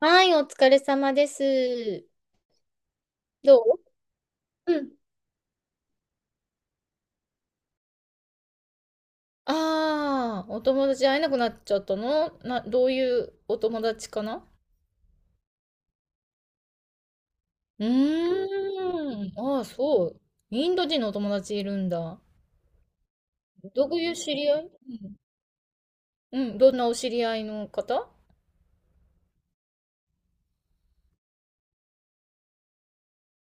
はい、お疲れ様です。どううん。ああ、お友達会えなくなっちゃったのな、どういうお友達かな。ああ、そう。インド人のお友達いるんだ。どういう知り合い。うん。うん、どんなお知り合いの方。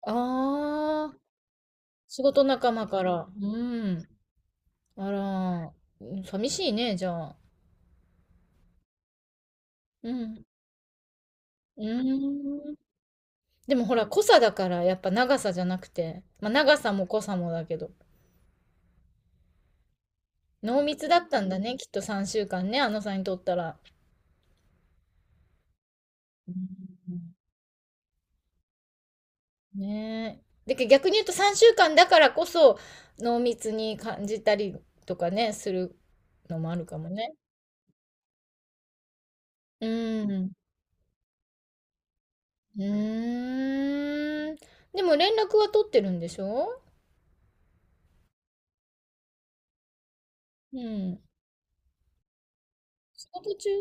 ああー、仕事仲間から。うん。あら、うん寂しいね、じゃあ。うん。うーん。でもほら、濃さだから、やっぱ長さじゃなくて。まあ、長さも濃さもだけど。濃密だったんだね、きっと3週間ね、あのさんにとったら。うんねえ。で、逆に言うと3週間だからこそ濃密に感じたりとかね、するのもあるかもね。うん。うーん。でも連絡は取ってるんでしょ。うん。仕事中。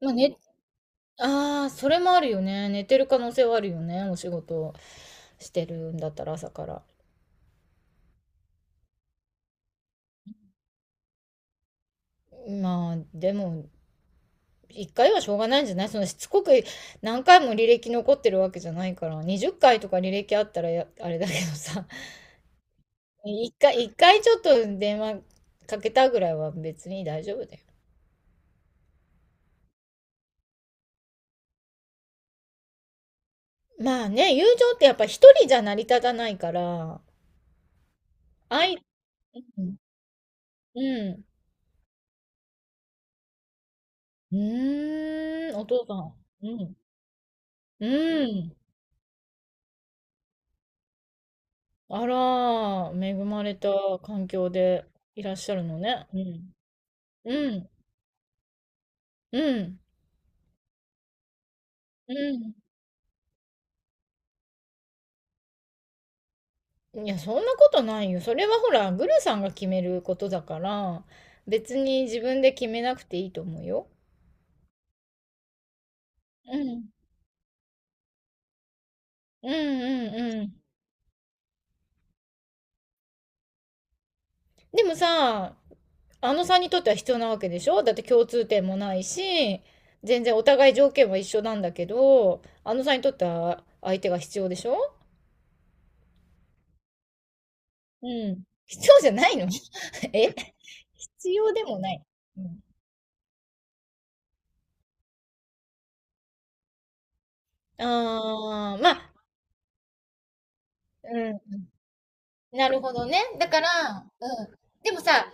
まあ、ね、ああ、それもあるよね。寝てる可能性はあるよね。お仕事してるんだったら朝から。まあ、でも、1回はしょうがないんじゃない、そのしつこく何回も履歴残ってるわけじゃないから、20回とか履歴あったらやあれだけどさ、1回ちょっと電話かけたぐらいは別に大丈夫だよ。まあね、友情ってやっぱ一人じゃ成り立たないから。あい、うん、うん。うーん、お父さん。うん。うーん。あら、恵まれた環境でいらっしゃるのね。うん。うん。うん。うん。いや、そんなことないよ。それはほら、グルさんが決めることだから、別に自分で決めなくていいと思うよ。うん。うんうんうん。でもさ、あのさんにとっては必要なわけでしょ、だって共通点もないし、全然お互い条件は一緒なんだけど、あのさんにとっては相手が必要でしょ。うん。必要じゃないの？ え、必要でもない。うん、ああ、まあ、うん、なるほどね。だから、うん。でもさ、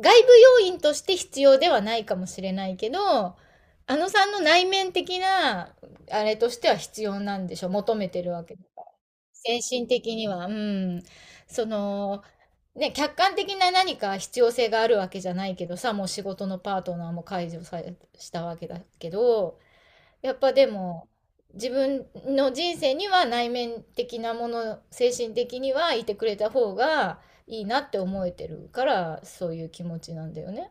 外部要因として必要ではないかもしれないけど、あのさんの内面的な、あれとしては必要なんでしょ、求めてるわけだから。精神的には、うん。その、ね、客観的な何か必要性があるわけじゃないけどさ、もう仕事のパートナーも解除されしたわけだけど、やっぱでも自分の人生には内面的なもの、精神的にはいてくれた方がいいなって思えてるから、そういう気持ちなんだよね。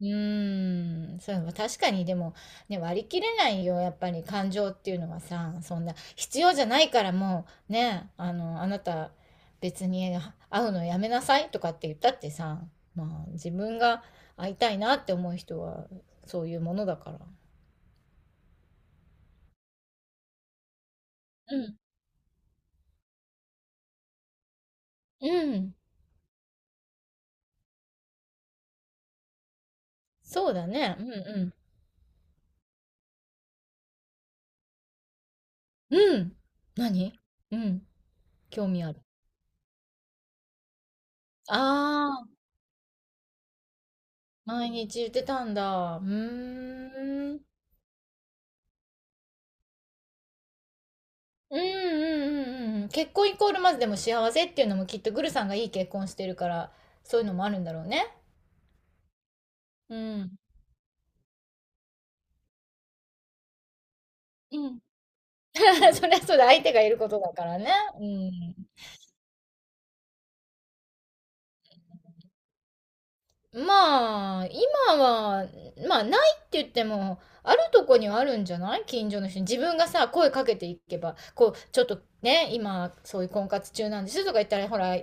うーん、そう、確かにでも、ね、割り切れないよ、やっぱり感情っていうのはさ、そんな必要じゃないからもうね、あの、あなた別に会うのやめなさいとかって言ったってさ、まあ自分が会いたいなって思う人はそういうものだから。うん、うん。そうだね。うんうん。うん。何？うん。興味ある。ああ、毎日言ってたんだ。うーん。うんうんうんうんうん。結婚イコールまずでも幸せっていうのもきっとグルさんがいい結婚してるから、そういうのもあるんだろうね。うん。うん。そりゃそうだ、相手がいることだからね。うん。まあ、今は、まあ、ないって言っても、あるとこにはあるんじゃない、近所の人に。自分がさ、声かけていけば、こう、ちょっとね、今、そういう婚活中なんですとか言ったら、ほら、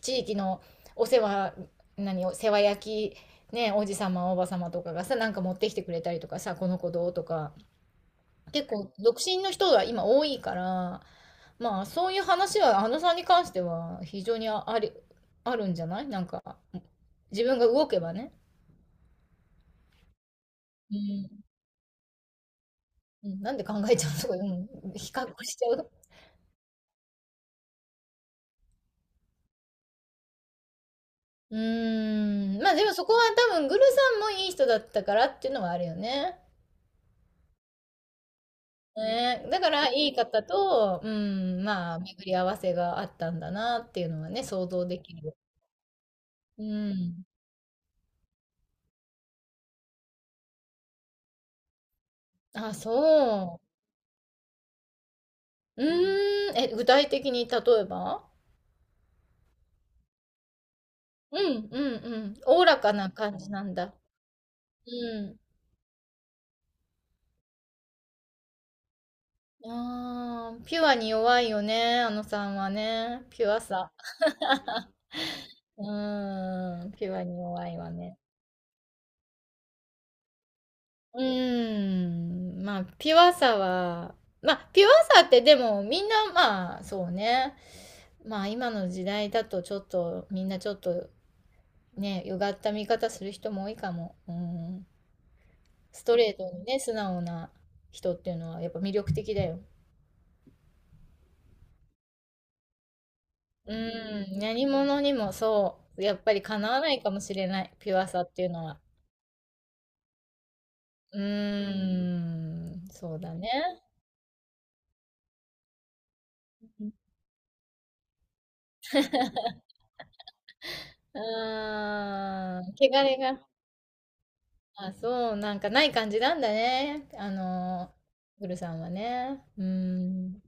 地域のお世話、何、お世話焼き、ね、おじさま、おばさまとかがさ、なんか持ってきてくれたりとかさ、この子どうとか、結構、独身の人が今多いから、まあ、そういう話は、あのさんに関しては、非常にああり、あるんじゃない、なんか、自分が動けばね。うん、うん、なんで考えちゃうのとか、うん、比較しちゃう。うーん、まあでもそこは多分、グルさんもいい人だったからっていうのはあるよね。ね、だからいい方と、うん、まあ巡り合わせがあったんだなっていうのはね、想像できる。うん。あ、そう。うーん、え、具体的に例えば。うんうんうん。おおらかな感じなんだ。うん。ああ、ピュアに弱いよね、あのさんはね。ピュアさ。うーん、ピュアに弱いわね。うーん、まあ、ピュアさは、まあ、ピュアさってでもみんな、まあ、そうね。まあ、今の時代だとちょっと、みんなちょっとね、うがった見方する人も多いかも。うん。ストレートにね、素直な人っていうのはやっぱ魅力的だよ。うん、何者にもそう、やっぱりかなわないかもしれない、ピュアさっていうのは。うーん、そうだね。うーん、汚れが、あ、そう、なんかない感じなんだね。あの、グルさんはね。うーん。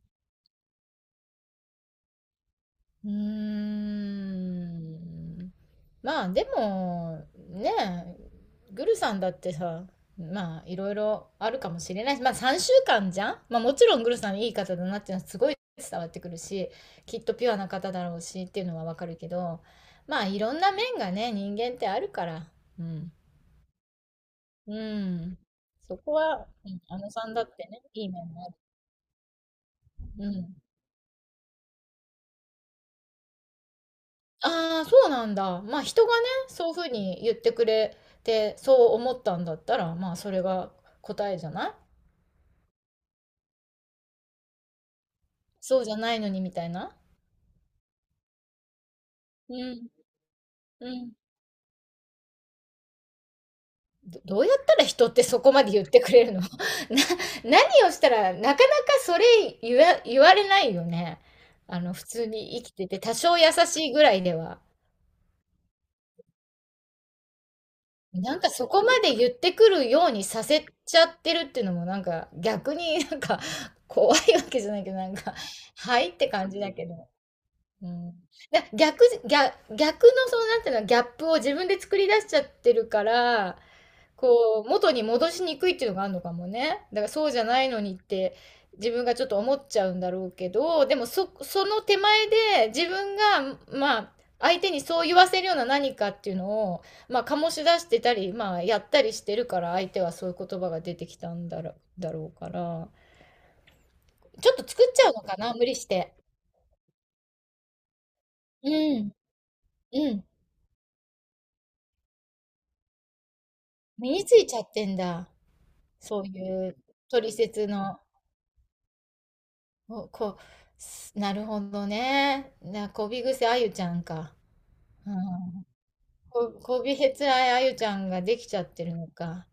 うーん。まあ、でも、ねえ、グルさんだってさ、まあ、いろいろあるかもしれないし、まあ、3週間じゃん、まあ、もちろんグルさんいい方だなっていうのはすごい伝わってくるし、きっとピュアな方だろうしっていうのはわかるけど、まあ、いろんな面がね、人間ってあるから。うん。うん。そこは、うん、あのさんだってね、いい面もある。うん。ああ、そうなんだ。まあ人がね、そういうふうに言ってくれて、そう思ったんだったら、まあそれが答えじゃない。そうじゃないのにみたいな。うん。うん。ど、どうやったら人ってそこまで言ってくれるの？ な、何をしたら、なかなかそれ言わ、言われないよね。あの、普通に生きてて、多少優しいぐらいでは。なんかそこまで言ってくるようにさせちゃってるっていうのもなんか逆に なんか怖いわけじゃないけどなんか はいって感じだけど、うん、だ逆じ、逆、逆のそのなんていうのギャップを自分で作り出しちゃってるからこう、元に戻しにくいっていうのがあるのかもね。だからそうじゃないのにって自分がちょっと思っちゃうんだろうけど、でもそ、その手前で自分が、まあ、相手にそう言わせるような何かっていうのを、まあ、醸し出してたり、まあ、やったりしてるから、相手はそういう言葉が出てきたんだろ、だろうから、ちょっと作っちゃうのかな、無理して。うん、うん。身についちゃってんだ。そういう、取説の。お、こ、す、なるほどね。な、こびぐせあゆちゃんか。うん。こ、こびへつらいあゆちゃんができちゃってるのか。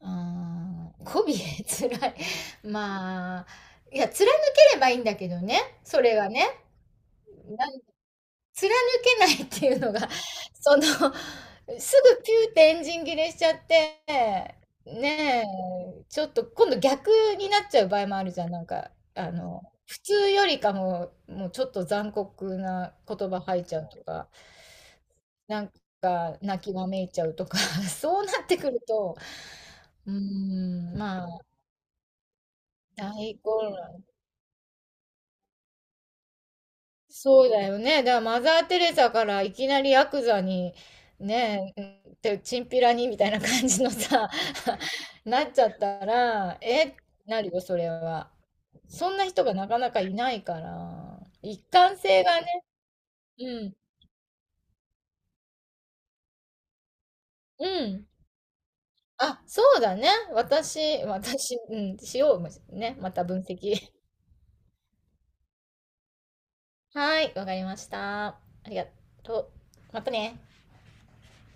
うん。こびへつらい。まあ、いや、貫ければいいんだけどね。それがね。貫けないっていうのが、その、すぐピューってエンジン切れしちゃって、ねえ、ちょっと今度逆になっちゃう場合もあるじゃん。なんか、あの、普通よりかも、もうちょっと残酷な言葉吐いちゃうとか、なんか泣きわめいちゃうとか、そうなってくると、うーん、まあ、大混乱。そうだよね。だからマザー・テレサからいきなりヤクザに、ねえ、てチンピラにみたいな感じのさ、なっちゃったら、え、なるよ、それは。そんな人がなかなかいないから、一貫性がね、うん、うん。あ、そうだね。私、私、うん、しようね。また分析。はい、わかりました。ありがとう。またね。